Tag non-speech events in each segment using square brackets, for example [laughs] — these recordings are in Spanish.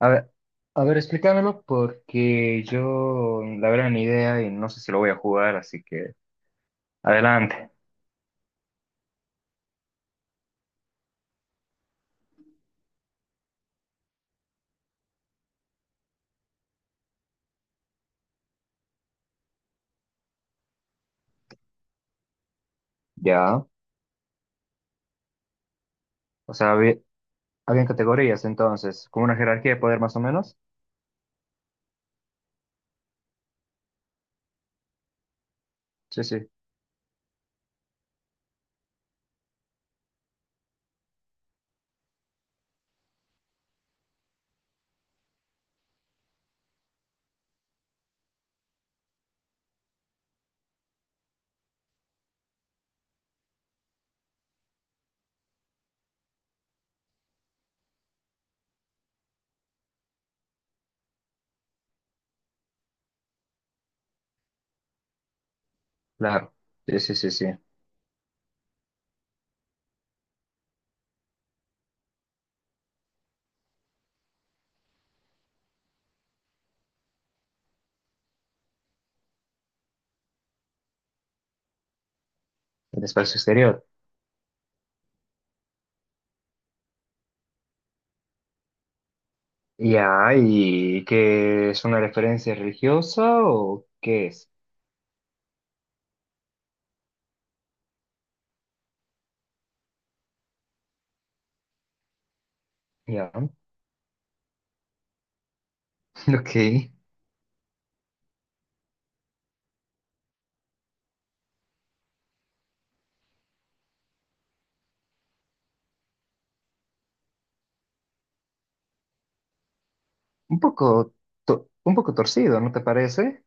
A ver, a ver, explícamelo porque yo la verdad ni idea y no sé si lo voy a jugar, así que adelante. Ya. O sea, había, habían categorías entonces, como una jerarquía de poder más o menos. Sí, sí, claro. Sí, sí, sí, sí. El espacio exterior. Ya, ¿y qué es una referencia religiosa o qué es? Ya, [laughs] ok. Un poco, un poco torcido, ¿no te parece?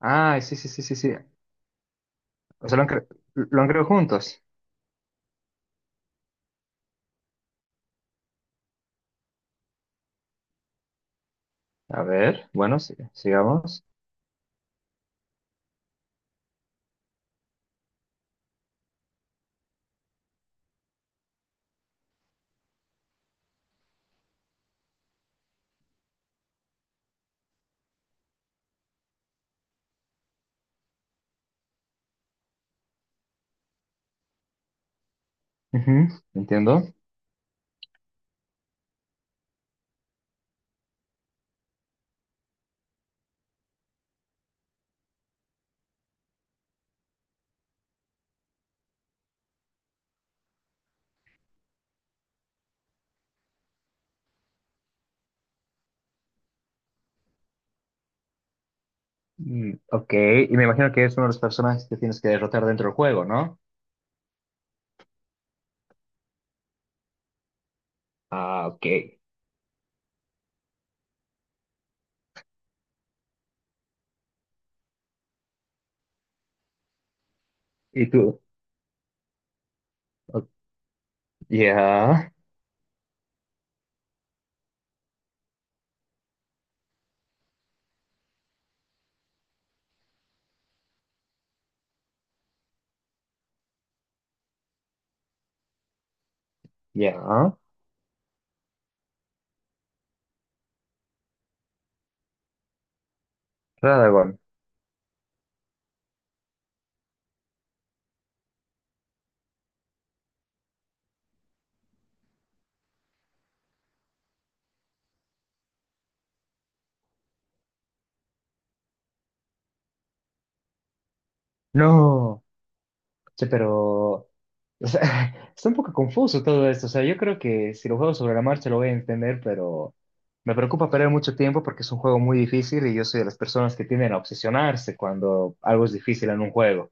Ah, sí, sí, sí, sí, sí. O sea, lo han creado juntos. A ver, bueno, sí, sigamos. Ujú, entiendo. Ok, y me imagino que es uno de los personajes que tienes que derrotar dentro del juego, ¿no? Ah, ok. ¿Y tú? O- ya, ya. Radagon. No, che, pero, o sea, [laughs] está un poco confuso todo esto. O sea, yo creo que si lo juego sobre la marcha lo voy a entender, pero me preocupa perder mucho tiempo porque es un juego muy difícil y yo soy de las personas que tienden a obsesionarse cuando algo es difícil en un juego.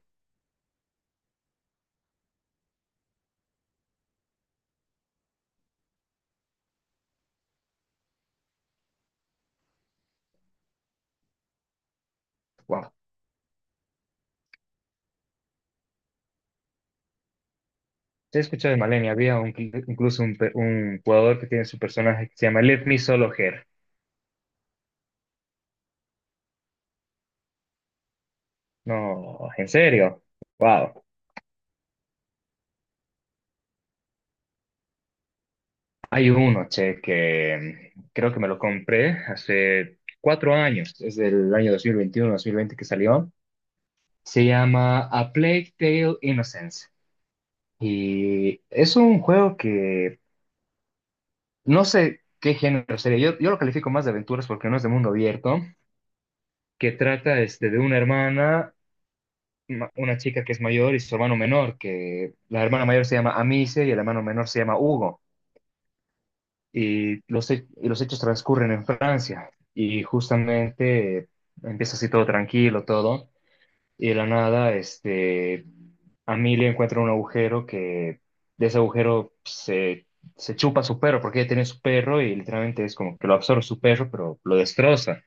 Sí, he escuchado de Malenia. Incluso un jugador que tiene su personaje que se llama Let Me Solo Her. No, ¿en serio? Wow. Hay uno, che, que creo que me lo compré hace 4 años. Es del año 2021-2020 que salió. Se llama A Plague Tale Innocence. Y es un juego que no sé qué género sería. Yo lo califico más de aventuras porque no es de mundo abierto. Que trata este, de una hermana. Una chica que es mayor y su hermano menor, que la hermana mayor se llama Amice y el hermano menor se llama Hugo. Y los hechos transcurren en Francia. Y justamente empieza así todo tranquilo, todo. Y de la nada, este, Amelia encuentra un agujero que de ese agujero se, se chupa su perro, porque ella tiene su perro y literalmente es como que lo absorbe su perro, pero lo destroza.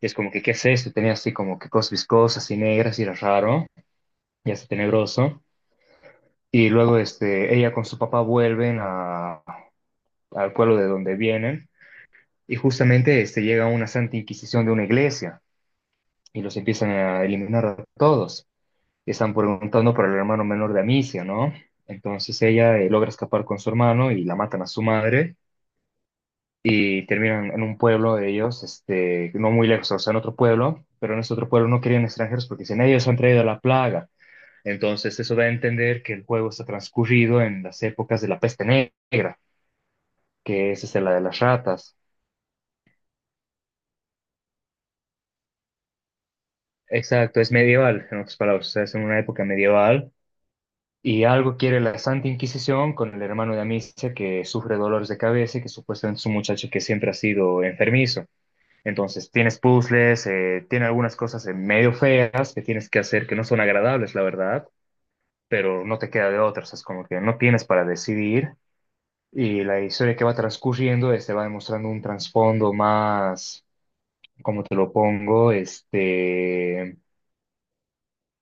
Y es como que, ¿qué es esto? Tenía así como que cosas viscosas y negras y era raro y hasta tenebroso. Y luego este, ella con su papá al pueblo de donde vienen y justamente este, llega una santa inquisición de una iglesia y los empiezan a eliminar a todos. Y están preguntando por el hermano menor de Amicia, ¿no? Entonces ella logra escapar con su hermano y la matan a su madre y terminan en un pueblo de ellos, este, no muy lejos, o sea, en otro pueblo, pero en ese otro pueblo no querían extranjeros porque dicen, ellos han traído la plaga. Entonces eso da a entender que el juego está transcurrido en las épocas de la peste negra, que es este, la de las ratas. Exacto, es medieval, en otras palabras, o sea, es en una época medieval. Y algo quiere la Santa Inquisición con el hermano de Amicia que sufre dolores de cabeza y que supuestamente es un muchacho que siempre ha sido enfermizo. Entonces tienes puzzles, tiene algunas cosas medio feas que tienes que hacer que no son agradables, la verdad, pero no te queda de otras, es como que no tienes para decidir. Y la historia que va transcurriendo este, va demostrando un trasfondo más, como te lo pongo? Este,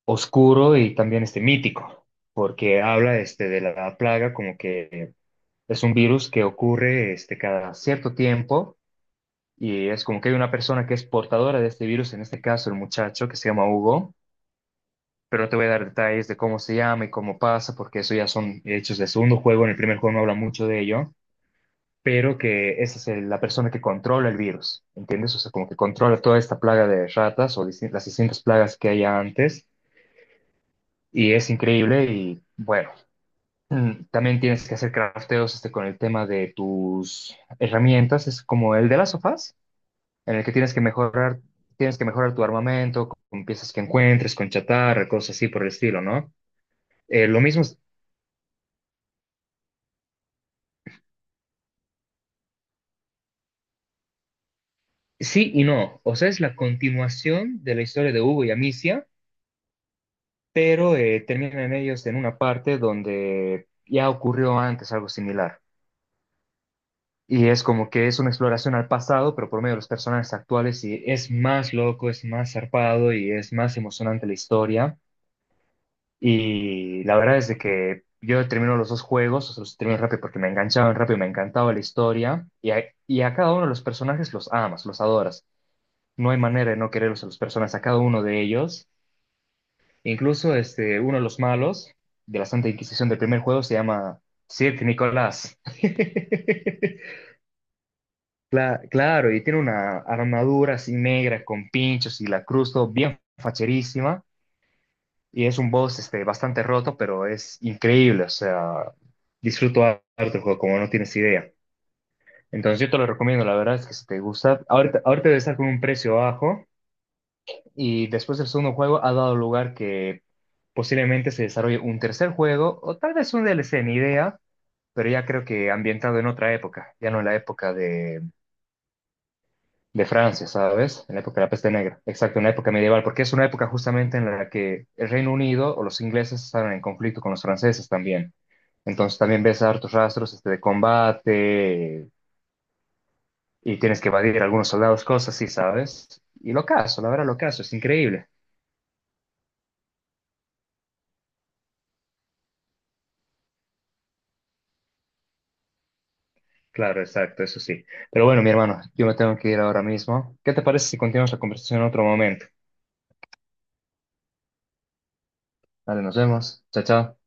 oscuro y también este mítico, porque habla este de la plaga como que es un virus que ocurre este cada cierto tiempo y es como que hay una persona que es portadora de este virus, en este caso el muchacho que se llama Hugo, pero no te voy a dar detalles de cómo se llama y cómo pasa, porque eso ya son hechos del segundo juego, en el primer juego no habla mucho de ello, pero que esa es la persona que controla el virus, ¿entiendes? O sea, como que controla toda esta plaga de ratas o las distintas plagas que haya antes, y es increíble y bueno. También tienes que hacer crafteos este, con el tema de tus herramientas. Es como el de las sofás, en el que tienes que mejorar tu armamento con piezas que encuentres, con chatarra, cosas así por el estilo, ¿no? Eh, lo mismo, es- sí y no. O sea, es la continuación de la historia de Hugo y Amicia, pero terminan ellos en una parte donde ya ocurrió antes algo similar. Y es como que es una exploración al pasado, pero por medio de los personajes actuales, y es más loco, es más zarpado y es más emocionante la historia. Y la verdad es de que yo termino los dos juegos, o sea, los termino rápido porque me enganchaban rápido, me encantaba la historia. Y a cada uno de los personajes los amas, los adoras. No hay manera de no quererlos a los personajes, a cada uno de ellos. Incluso este, uno de los malos de la Santa Inquisición del primer juego se llama Sir Nicolás. [laughs] Claro, y tiene una armadura así negra con pinchos y la cruz todo bien facherísima. Y es un boss este, bastante roto, pero es increíble. O sea, disfruto harto el juego, como no tienes idea. Entonces yo te lo recomiendo, la verdad es que si te gusta, ahorita, ahorita debe estar con un precio bajo. Y después del segundo juego ha dado lugar que posiblemente se desarrolle un tercer juego o tal vez un DLC, ni idea, pero ya creo que ambientado en otra época, ya no en la época de Francia, ¿sabes? En la época de la peste negra. Exacto, en la época medieval, porque es una época justamente en la que el Reino Unido o los ingleses estaban en conflicto con los franceses también. Entonces también ves hartos rastros este, de combate y tienes que evadir a algunos soldados, cosas así, ¿sabes? Y lo caso, la verdad lo caso, es increíble. Claro, exacto, eso sí. Pero bueno, mi hermano, yo me tengo que ir ahora mismo. ¿Qué te parece si continuamos la conversación en otro momento? Vale, nos vemos. Chao, chao.